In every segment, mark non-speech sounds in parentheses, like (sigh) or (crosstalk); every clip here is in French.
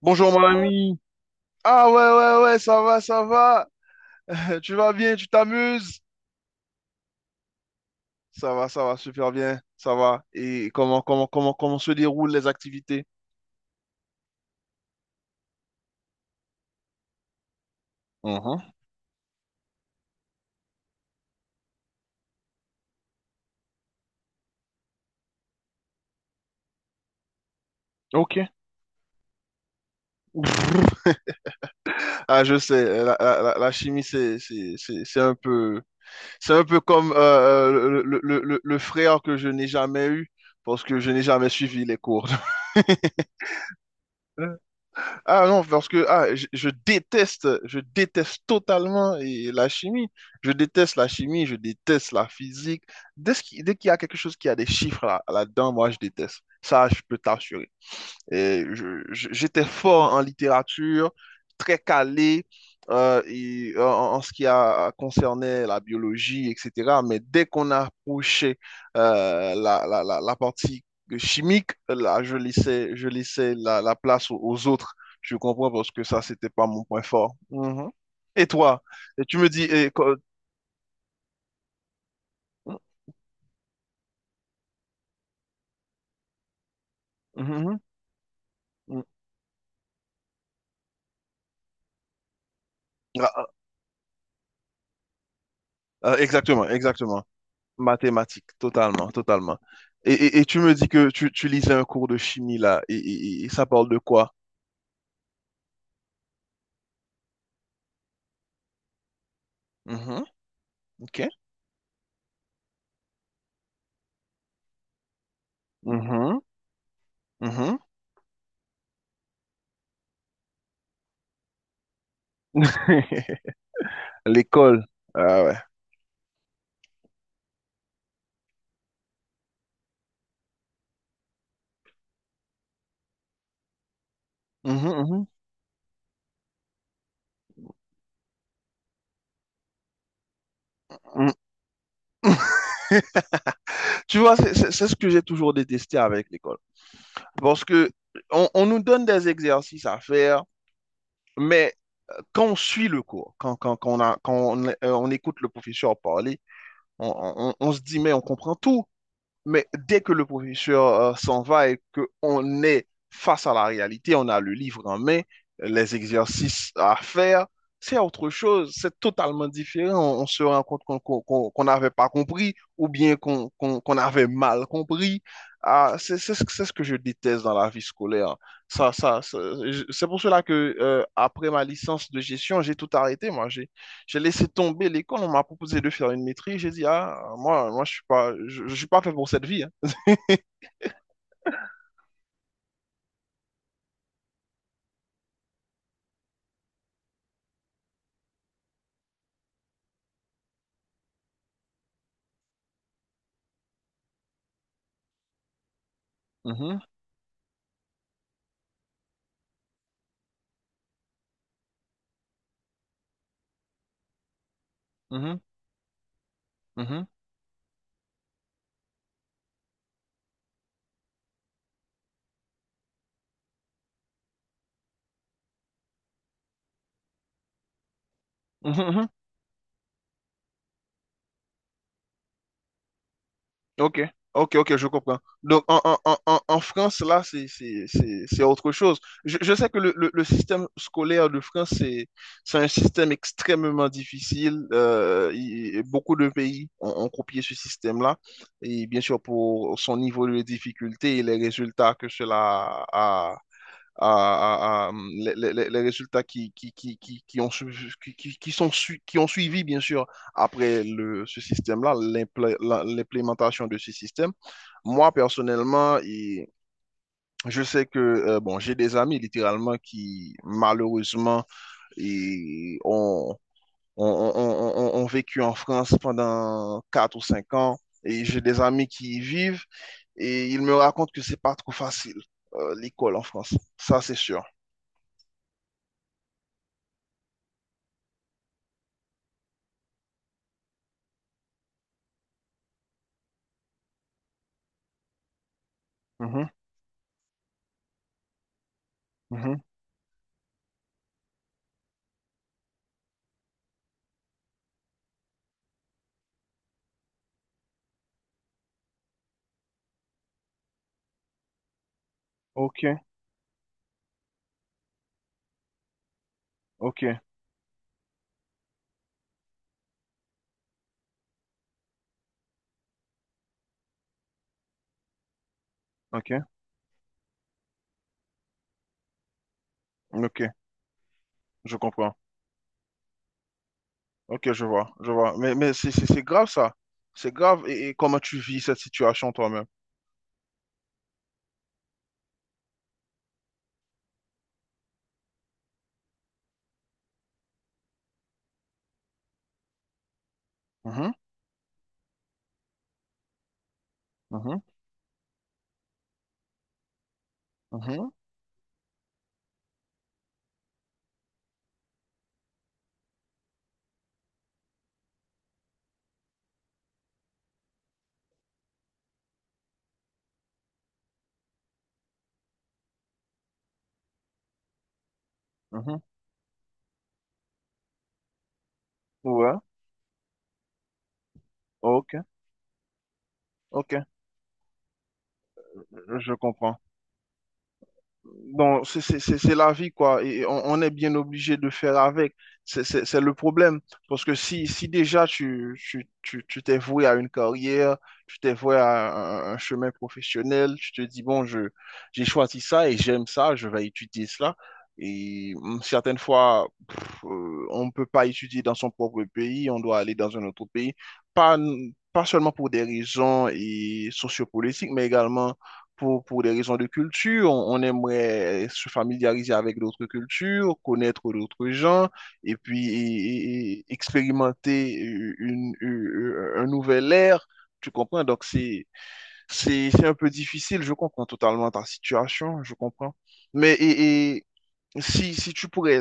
Bonjour mon ami. Ah, ouais, ouais, ouais, ça va, ça va. (laughs) Tu vas bien, tu t'amuses? Ça va, super bien, ça va. Et comment se déroulent les activités? Mhm. Ok. (laughs) Ah, je sais, la chimie, c'est un peu, c'est un peu comme le frère que je n'ai jamais eu parce que je n'ai jamais suivi les cours. (laughs) Ah non, parce que ah, je déteste totalement et la chimie. Je déteste la chimie, je déteste la physique. Dès qu'il y a quelque chose qui a des chiffres là, là-dedans, moi, je déteste. Ça, je peux t'assurer. Et j'étais fort en littérature, très calé et, en, en ce qui a concerné la biologie, etc. Mais dès qu'on approchait la partie chimique, là, je laissais la place aux autres. Je comprends parce que ça, c'était pas mon point fort. Mhm. Et toi, et tu me dis, Mhm, mhm. Ah, ah, ah, exactement, exactement. Mathématiques, totalement, totalement. Et, et tu me dis que tu lisais un cours de chimie là, et, et ça parle de quoi? Mhm, ok. Mhm, mhm. (laughs) L'école. Ah ouais. Mhm, mhm, mhm. Tu vois, c'est ce que j'ai toujours détesté avec l'école. Parce que on nous donne des exercices à faire, mais quand on suit le cours, quand on a, quand on écoute le professeur parler, on se dit, mais on comprend tout. Mais dès que le professeur s'en va et qu'on est face à la réalité, on a le livre en main, les exercices à faire, c'est autre chose, c'est totalement différent. On se rend compte qu'on n'avait pas compris ou bien qu'on avait mal compris. Ah, c'est ce que je déteste dans la vie scolaire. Ça, ça, ça- c'est pour cela que après ma licence de gestion, j'ai tout arrêté. Moi, j'ai. J'ai laissé tomber l'école, on m'a proposé de faire une maîtrise. J'ai dit, ah, moi, je suis pas, je suis pas fait pour cette vie, hein. (laughs) Mhm, mhm, mhm, mhm, mhm. Ok, ok, je comprends. Donc en France, là, c'est autre chose. Je sais que le système scolaire de France, c'est un système extrêmement difficile. Et beaucoup de pays ont, ont copié ce système-là. Et bien sûr, pour son niveau de difficulté et les résultats que cela a, à, les- résultats qui ont, qui sont qui ont suivi, bien sûr, après ce système-là, l'implémentation de ce système. Moi, personnellement, et je sais que bon, j'ai des amis littéralement qui, malheureusement, et ont vécu en France pendant 4 ou 5 ans, et j'ai des amis qui y vivent, et ils me racontent que c'est pas trop facile, l'école en France. Ça, c'est sûr. Mhm, mhm. Ok, ok, ok, ok, je comprends. Ok, je vois, je vois. Mais c'est grave ça. C'est grave. Et comment tu vis cette situation toi-même? Mhm, mhm, mhm, mhm. Ouais, ok, ok, je comprends. Bon, c'est la vie, quoi. Et on est bien obligé de faire avec. C'est le problème. Parce que si, si déjà tu, tu, tu, tu t'es voué à une carrière, tu t'es voué à un chemin professionnel, tu te dis, bon, j'ai choisi ça et j'aime ça, je vais étudier cela. Et certaines fois, pff, on ne peut pas étudier dans son propre pays, on doit aller dans un autre pays. Pas, Pas seulement pour des raisons et sociopolitiques, mais également pour des raisons de culture, on aimerait se familiariser avec d'autres cultures, connaître d'autres gens et puis expérimenter un nouvel air. Tu comprends? Donc, c'est un peu difficile. Je comprends totalement ta situation. Je comprends. Mais et si, si tu pourrais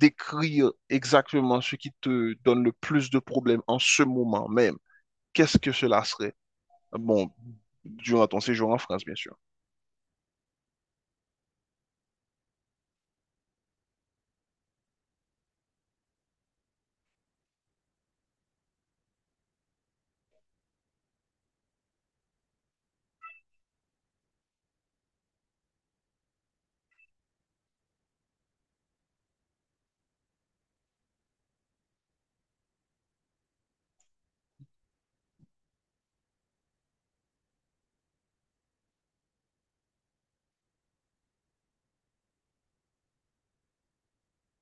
décrire exactement ce qui te donne le plus de problèmes en ce moment même, qu'est-ce que cela serait? Bon, durant ton séjour en France, bien sûr.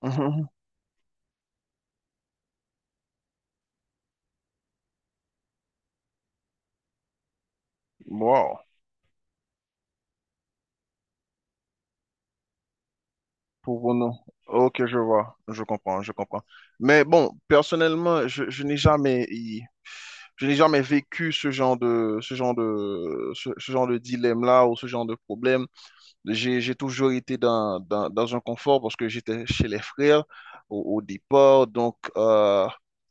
(laughs) Wow, pour nous. Ok, je vois, je comprends, je comprends. Mais bon, personnellement, je n'ai jamais vécu ce genre de, ce genre de, ce genre de dilemme-là ou ce genre de problème. J'ai toujours été dans un confort parce que j'étais chez les frères au, au départ. Donc,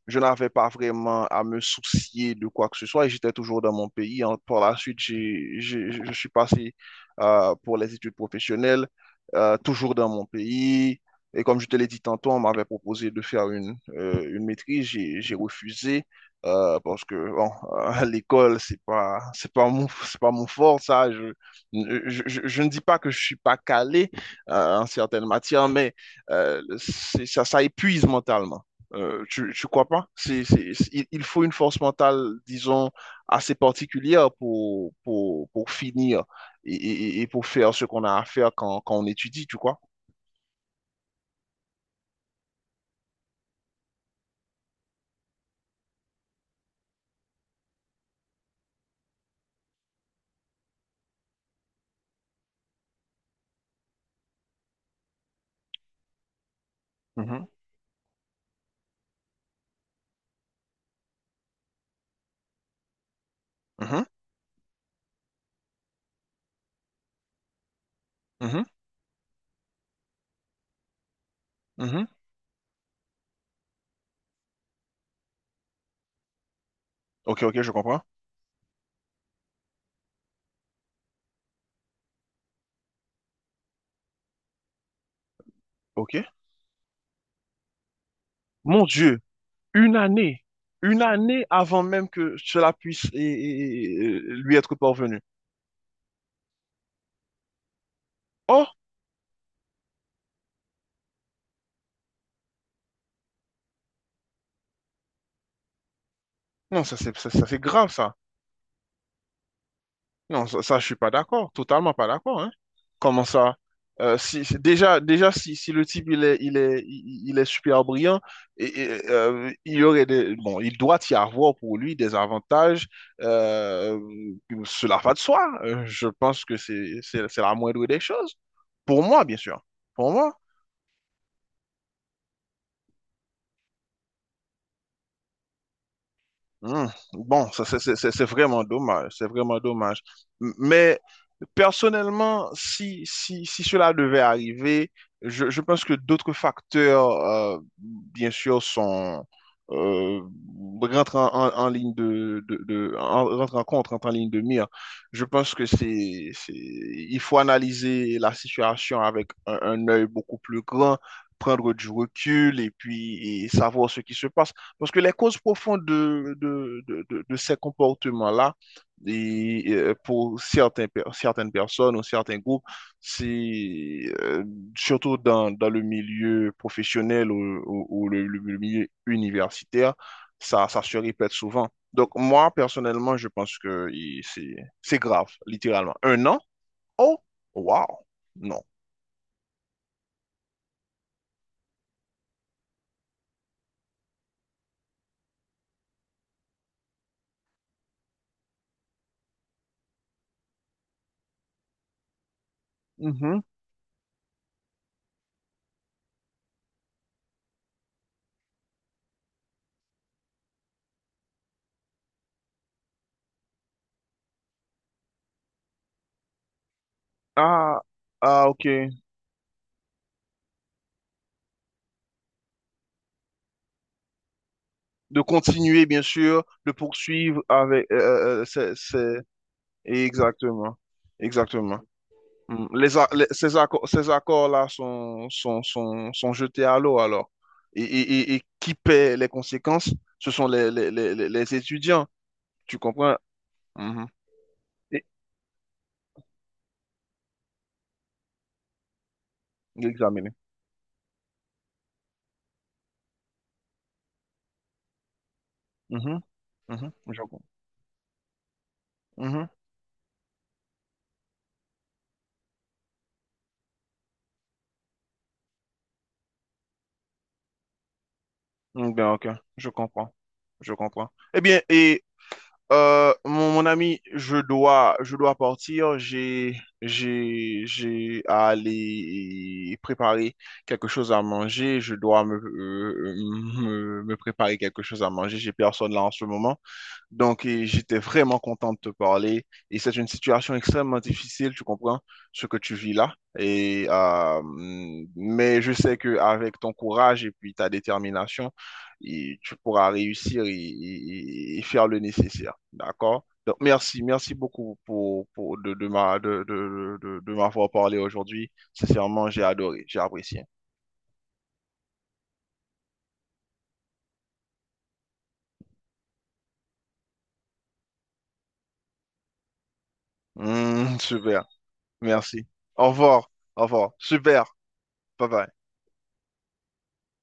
je n'avais pas vraiment à me soucier de quoi que ce soit. Et j'étais toujours dans mon pays. Par la suite, je suis passé pour les études professionnelles, toujours dans mon pays. Et comme je te l'ai dit tantôt, on m'avait proposé de faire une maîtrise. J'ai refusé. Parce que bon, (laughs) l'école, c'est pas mon fort, ça. Je ne dis pas que je suis pas calé en certaines matières, mais ça épuise mentalement. Tu crois pas? Il faut une force mentale, disons, assez particulière pour finir et, et pour faire ce qu'on a à faire quand, quand on étudie, tu crois? Mhm, mhm, mhm, mhm. Ok, ok, je comprends. Ok. Mon Dieu, une année, une année avant même que cela puisse lui être parvenu. Oh, non, ça c'est ça, ça, c'est grave ça. Non, je suis pas d'accord, totalement pas d'accord, hein. Comment ça? Si, déjà si, si le type il est, il est, il est super brillant, et, il y aurait des, bon, il doit y avoir pour lui des avantages, euh, cela va de soi. Je pense que c'est la moindre des choses. Pour moi, bien sûr. Pour moi. Hmm. Bon, ça, c'est vraiment dommage, c'est vraiment dommage. Mais personnellement, si cela devait arriver, je pense que d'autres facteurs, bien sûr, sont, euh, rentrent en ligne de, rentrent en compte, rentrent en ligne de mire. Je pense que il faut analyser la situation avec un œil beaucoup plus grand, prendre du recul et puis et savoir ce qui se passe. Parce que les causes profondes de ces comportements-là, et, pour certains, certaines personnes ou certains groupes, c'est surtout dans le milieu professionnel ou, ou le milieu universitaire, ça se répète souvent. Donc moi, personnellement, je pense que c'est grave, littéralement. Un an? Oh, wow, non. Mhm. Ah, ah, ok. De continuer, bien sûr, de poursuivre avec, Exactement. Exactement. Mm. Ces accords, ces accords-là sont jetés à l'eau alors. Et, et qui paie les conséquences? Ce sont les étudiants. Tu comprends? Mhm. Et l'examiner. Mhm. Mhm. Je comprends. Mhm. Mm, bien, ok. Je comprends. Je comprends. Eh bien, et euh, mon ami, je dois partir. J'ai à aller préparer quelque chose à manger. Je dois me préparer quelque chose à manger. J'ai personne là en ce moment. Donc, et j'étais vraiment content de te parler. Et c'est une situation extrêmement difficile, tu comprends, ce que tu vis là. Et, mais je sais qu'avec ton courage et puis ta détermination, et tu pourras réussir et, et faire le nécessaire. D'accord? Donc, merci, merci beaucoup pour de ma, de m'avoir parlé aujourd'hui. Sincèrement, j'ai adoré, j'ai apprécié. Super, merci. Au revoir, au revoir. Super, bye bye.